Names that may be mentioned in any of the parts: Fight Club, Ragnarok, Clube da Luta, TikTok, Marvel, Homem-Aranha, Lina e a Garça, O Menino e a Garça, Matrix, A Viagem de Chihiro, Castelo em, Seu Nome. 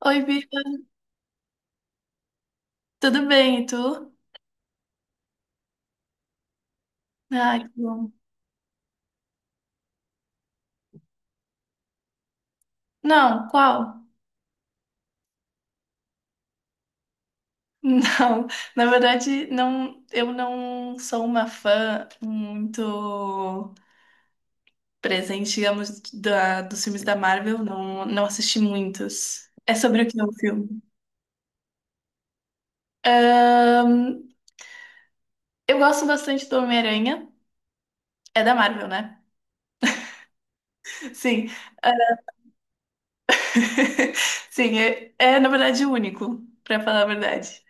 Oi, Bia, tudo bem? E tu? Ai, que bom. Não, qual? Não, na verdade, não, eu não sou uma fã muito presente, digamos, dos filmes da Marvel, não, não assisti muitos. É sobre o que é o filme? Ahn, eu gosto bastante do Homem-Aranha, é da Marvel, né? Sim, sim, é na verdade o único, pra falar a verdade.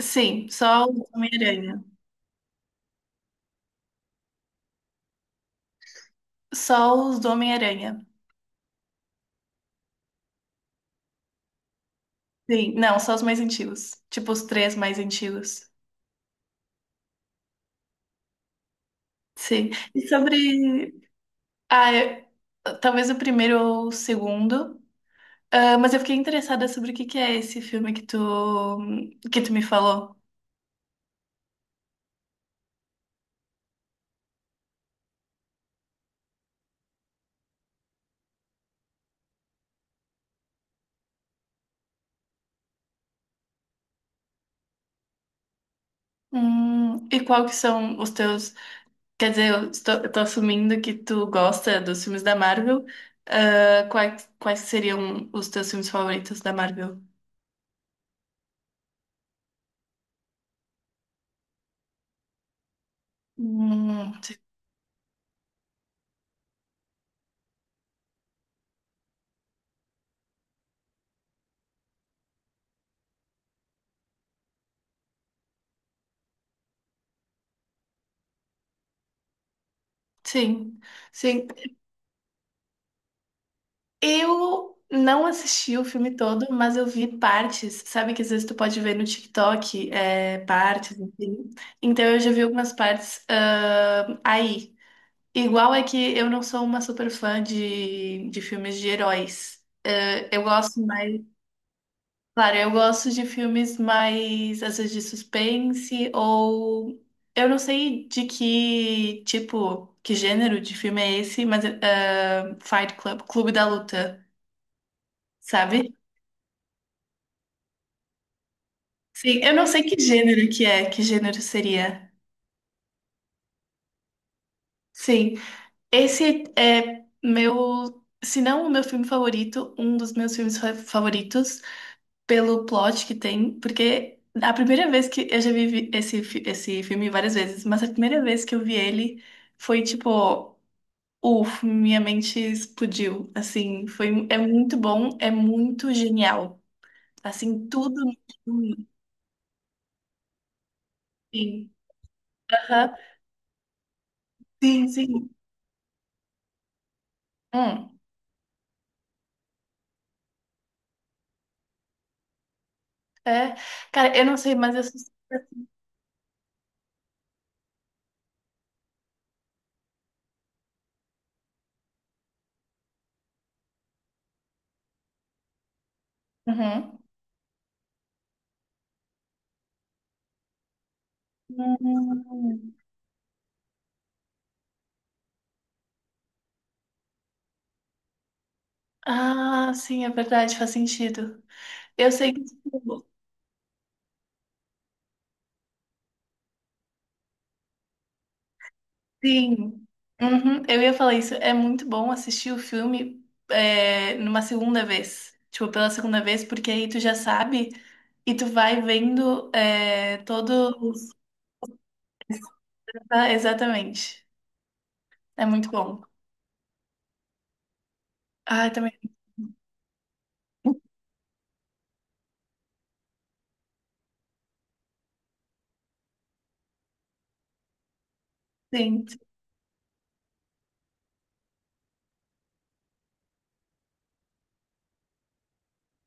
Sim, só o Homem-Aranha. Só os do Homem-Aranha. Sim, não, só os mais antigos. Tipo, os três mais antigos. Sim. E sobre. Ah, talvez o primeiro ou o segundo. Ah, mas eu fiquei interessada sobre o que que é esse filme que tu me falou. E qual que são os teus. Quer dizer, eu tô assumindo que tu gosta dos filmes da Marvel. Ah, quais seriam os teus filmes favoritos da Marvel? Hum, sim, sim. Eu não assisti o filme todo, mas eu vi partes. Sabe que às vezes tu pode ver no TikTok, partes, enfim. Então eu já vi algumas partes, aí. Igual é que eu não sou uma super fã de filmes de heróis. Eu gosto mais. Claro, eu gosto de filmes mais, às vezes, de suspense, ou. Eu não sei de que tipo, que gênero de filme é esse, mas Fight Club, Clube da Luta, sabe? Sim, eu não sei que gênero que é, que gênero seria. Sim, esse é meu, se não o meu filme favorito, um dos meus filmes favoritos, pelo plot que tem, porque a primeira vez que eu já vi esse filme várias vezes, mas a primeira vez que eu vi ele foi tipo, uff, minha mente explodiu, assim, foi, é muito bom, é muito genial, assim, tudo no filme, sim, aham, sim, sim. Hum. É, cara, eu não sei, mas eu sou. Uhum. Hum. Ah, sim, é verdade, faz sentido. Eu sei que, tipo, sim. Uhum, eu ia falar isso. É muito bom assistir o filme numa segunda vez. Tipo, pela segunda vez, porque aí tu já sabe e tu vai vendo todos. Exatamente. É muito bom. Ah, também. Sim.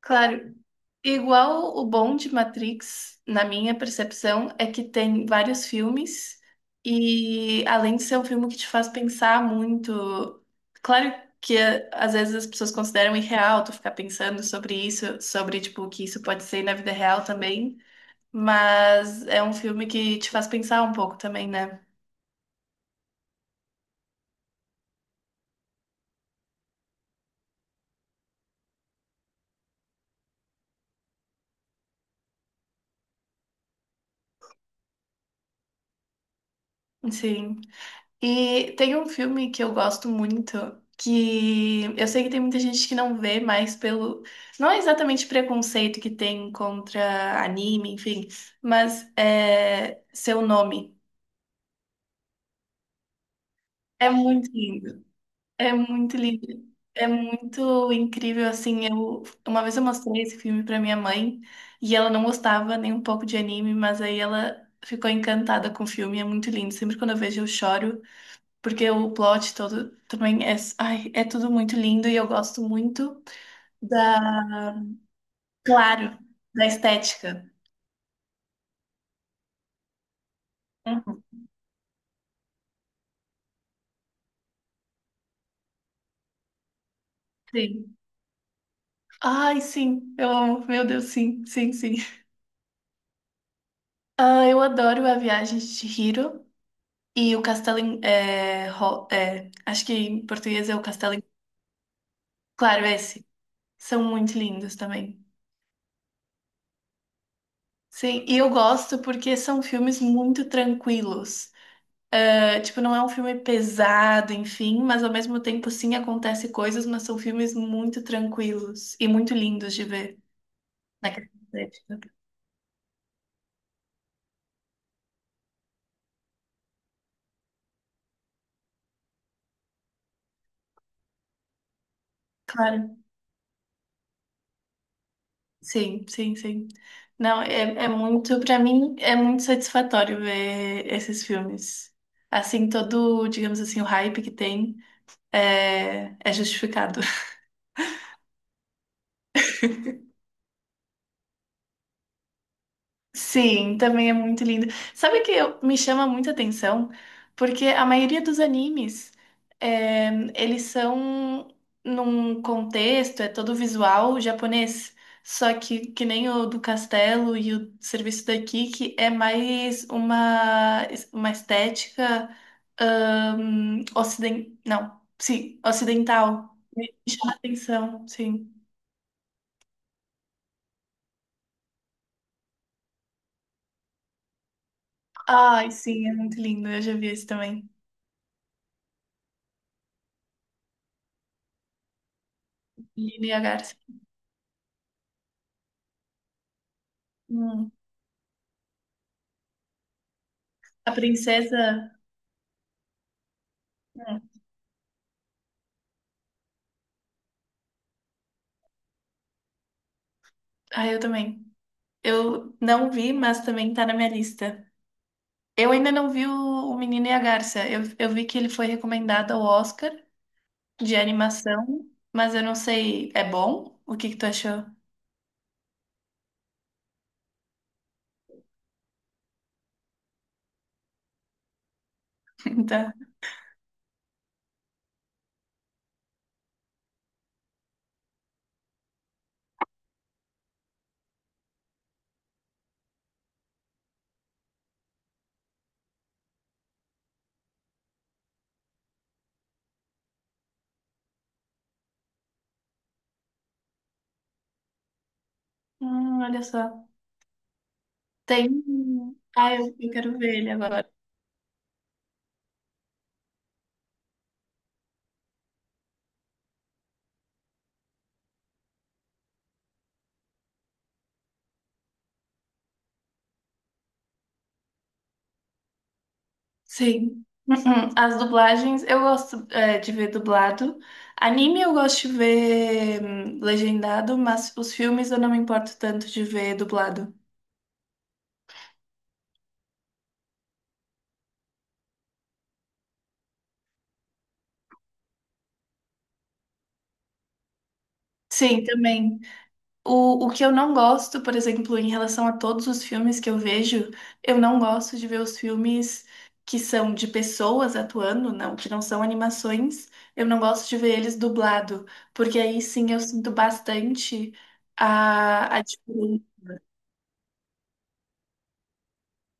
Claro, igual o bom de Matrix, na minha percepção, é que tem vários filmes e além de ser um filme que te faz pensar muito, claro que às vezes as pessoas consideram irreal tu ficar pensando sobre isso, sobre tipo o que isso pode ser na vida real também, mas é um filme que te faz pensar um pouco também, né? Sim. E tem um filme que eu gosto muito, que eu sei que tem muita gente que não vê, mais pelo. Não é exatamente preconceito que tem contra anime, enfim, mas é Seu Nome. É muito lindo. É muito lindo. É muito incrível, assim. Uma vez eu mostrei esse filme pra minha mãe e ela não gostava nem um pouco de anime, mas aí ela ficou encantada com o filme, é muito lindo. Sempre quando eu vejo eu choro. Porque o plot todo também é, ai, é tudo muito lindo e eu gosto muito da, claro, da estética. Uhum. Sim. Ai, sim, eu amo. Meu Deus, sim, sim, sim. Ah, eu adoro A Viagem de Chihiro e o Castelo em, é, é, acho que em português é o Castelo em, claro, é esse. São muito lindos também. Sim, e eu gosto porque são filmes muito tranquilos. É, tipo, não é um filme pesado, enfim, mas ao mesmo tempo sim acontece coisas, mas são filmes muito tranquilos e muito lindos de ver na questão estética. Claro, sim, sim, sim. Não, é, é muito, pra mim, é muito satisfatório ver esses filmes. Assim, todo, digamos assim, o hype que tem é, é justificado. Sim, também é muito lindo. Sabe o que me chama muita atenção? Porque a maioria dos animes, é, eles são num contexto, é todo visual japonês. Só que nem o do Castelo e o serviço daqui, que é mais uma estética ociden não, sim, ocidental. Me chama atenção, sim. Ai, sim, é muito lindo. Eu já vi esse também. Lina e a Garça. A princesa. hum, Ah, eu também. Eu não vi, mas também tá na minha lista. Eu ainda não vi o Menino e a Garça. Eu vi que ele foi recomendado ao Oscar de animação, mas eu não sei. É bom? O que que tu achou? Tá. Olha só. Ah, eu quero ver ele agora. Sim. Uhum. As dublagens, eu gosto, de ver dublado. Anime eu gosto de ver legendado, mas os filmes eu não me importo tanto de ver dublado. Sim, também. O que eu não gosto, por exemplo, em relação a todos os filmes que eu vejo, eu não gosto de ver os filmes que são de pessoas atuando, não, que não são animações. Eu não gosto de ver eles dublado, porque aí sim eu sinto bastante a diferença,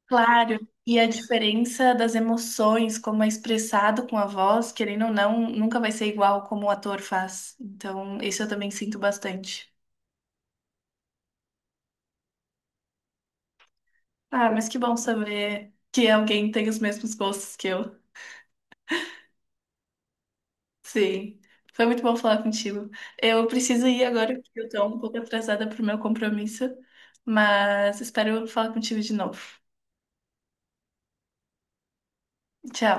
claro, e a diferença das emoções, como é expressado com a voz, querendo ou não, nunca vai ser igual como o ator faz. Então, isso eu também sinto bastante. Ah, mas que bom saber que alguém tem os mesmos gostos que eu. Sim, foi muito bom falar contigo. Eu preciso ir agora, porque eu tô um pouco atrasada pro meu compromisso, mas espero falar contigo de novo. Tchau.